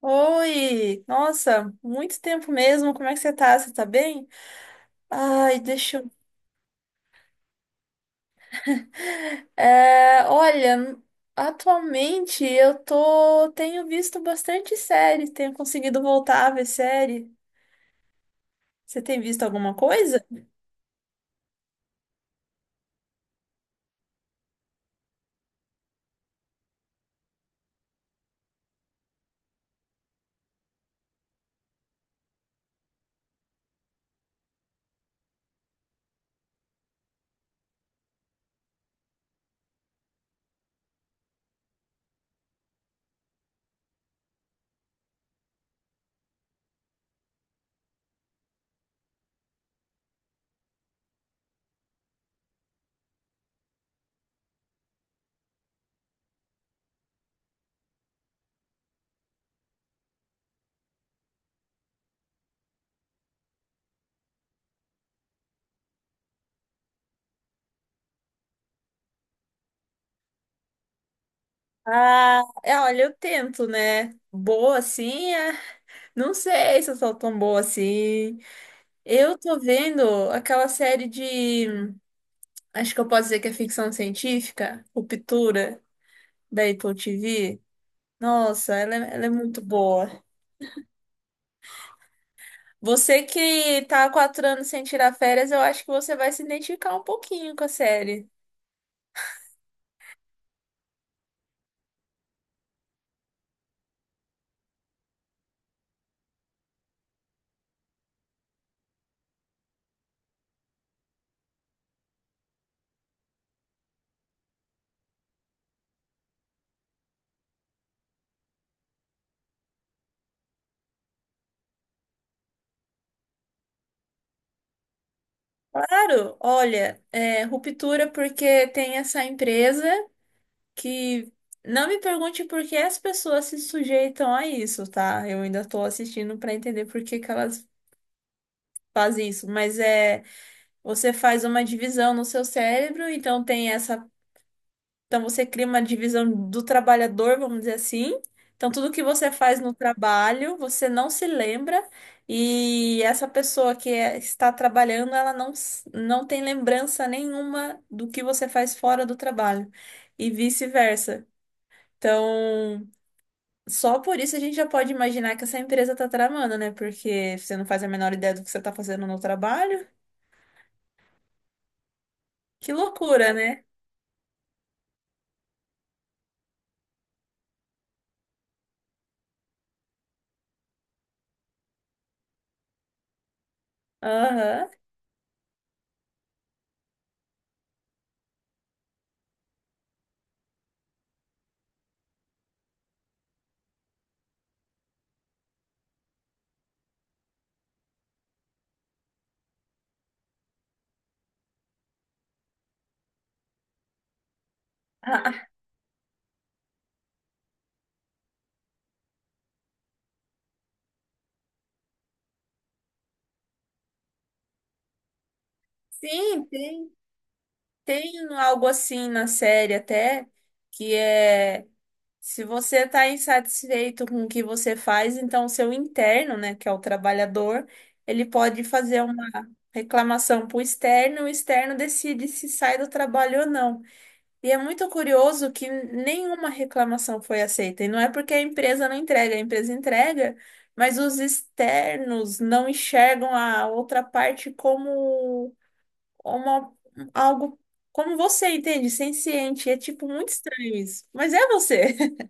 Oi! Nossa, muito tempo mesmo. Como é que você tá? Você tá bem? Ai, deixa eu. É, olha, atualmente eu tô. Tenho visto bastante série, tenho conseguido voltar a ver série. Você tem visto alguma coisa? Ah, é, olha, eu tento, né? Boa assim, é. Não sei se eu sou tão boa assim. Eu tô vendo aquela série de. Acho que eu posso dizer que é ficção científica, Ruptura, da Apple TV. Nossa, ela é muito boa. Você que tá há 4 anos sem tirar férias, eu acho que você vai se identificar um pouquinho com a série. Claro, olha, é, Ruptura porque tem essa empresa que não me pergunte por que as pessoas se sujeitam a isso, tá? Eu ainda tô assistindo pra entender por que que elas fazem isso, mas é você faz uma divisão no seu cérebro, então tem essa Então você cria uma divisão do trabalhador, vamos dizer assim. Então tudo que você faz no trabalho, você não se lembra, e essa pessoa está trabalhando, ela não, não tem lembrança nenhuma do que você faz fora do trabalho e vice-versa. Então, só por isso a gente já pode imaginar que essa empresa tá tramando, né? Porque você não faz a menor ideia do que você tá fazendo no trabalho. Que loucura, né? Aham. Ah, sim, tem. Tem algo assim na série até, que é se você está insatisfeito com o que você faz, então seu interno, né, que é o trabalhador, ele pode fazer uma reclamação para o externo decide se sai do trabalho ou não. E é muito curioso que nenhuma reclamação foi aceita. E não é porque a empresa não entrega, a empresa entrega, mas os externos não enxergam a outra parte como uma, algo como você, entende? Senciente. É tipo muito estranho isso. Mas é você.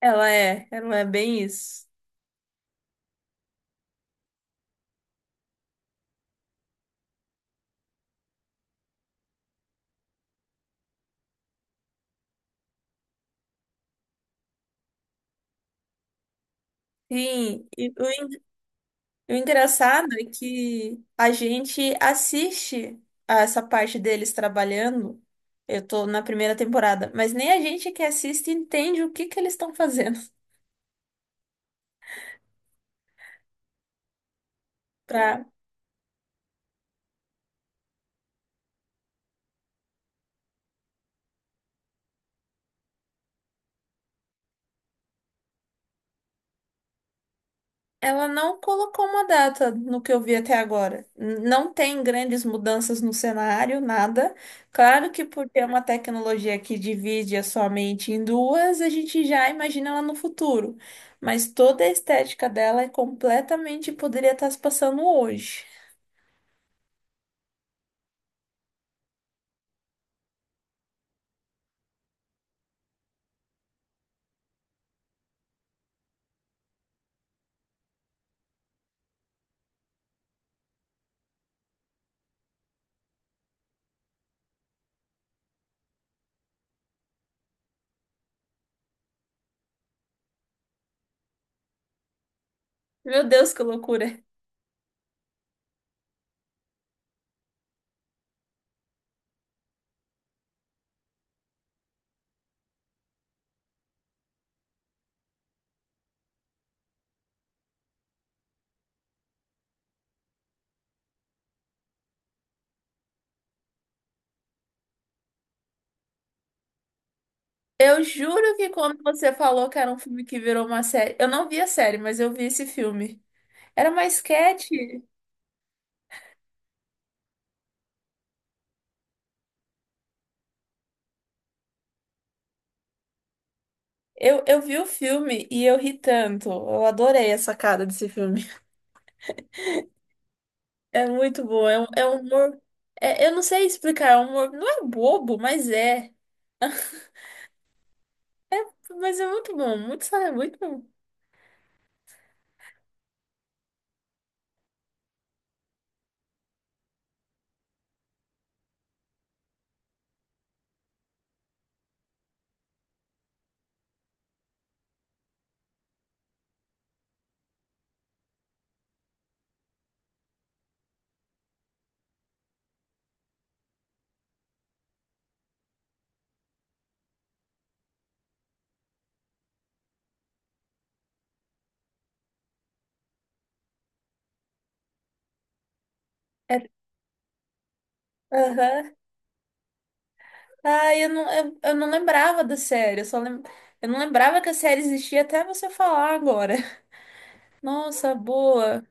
Ela é bem isso. Sim, o engraçado é que a gente assiste a essa parte deles trabalhando. Eu tô na primeira temporada, mas nem a gente que assiste entende o que que eles estão fazendo. Pra, ela não colocou uma data no que eu vi até agora. Não tem grandes mudanças no cenário, nada. Claro que por ter uma tecnologia que divide a sua mente em duas, a gente já imagina ela no futuro. Mas toda a estética dela é completamente poderia estar se passando hoje. Meu Deus, que loucura! Eu juro que quando você falou que era um filme que virou uma série, eu não vi a série, mas eu vi esse filme. Era uma sketch. Eu vi o filme e eu ri tanto. Eu adorei a sacada desse filme. É muito bom. É um humor. Eu não sei explicar. É um humor. Não é bobo, mas é. Mas é muito bom. Muito, muito bom. É, aham. Ah, eu não lembrava da série. Eu não lembrava que a série existia até você falar agora. Nossa, boa.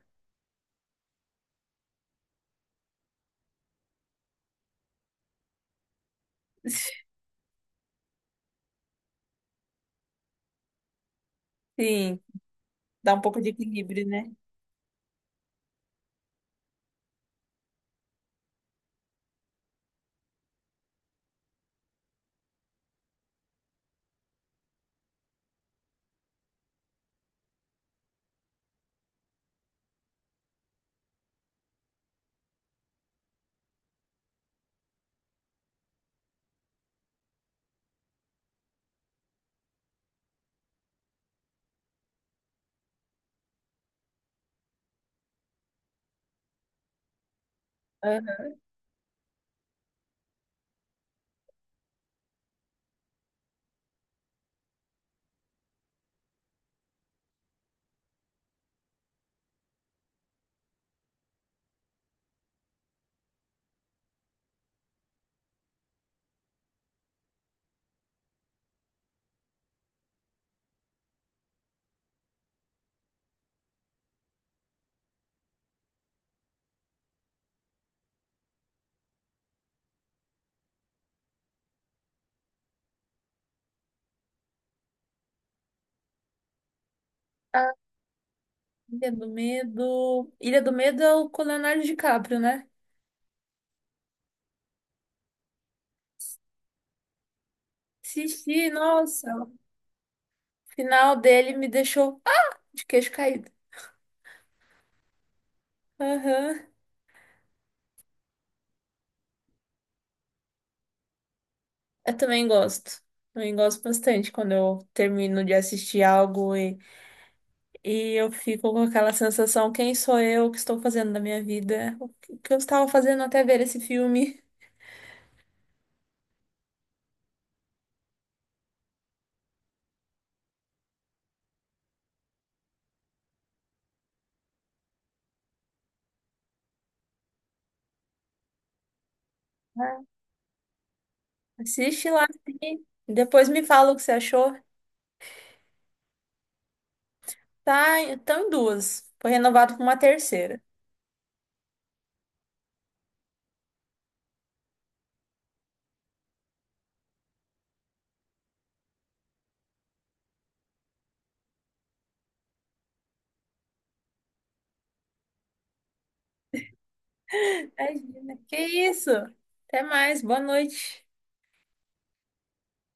Sim, dá um pouco de equilíbrio, né? Aham. Ah, Ilha do Medo. Ilha do Medo é o com o Leonardo DiCaprio, né? Assisti, nossa, o final dele me deixou ah, de queixo caído. Aham. Eu também gosto. Também gosto bastante quando eu termino de assistir algo e eu fico com aquela sensação, quem sou eu, o que estou fazendo da minha vida, o que eu estava fazendo até ver esse filme. Ah, assiste lá sim. Depois me fala o que você achou. Tá, estão em duas. Foi renovado com uma terceira. Imagina. Que isso? Até mais, boa noite.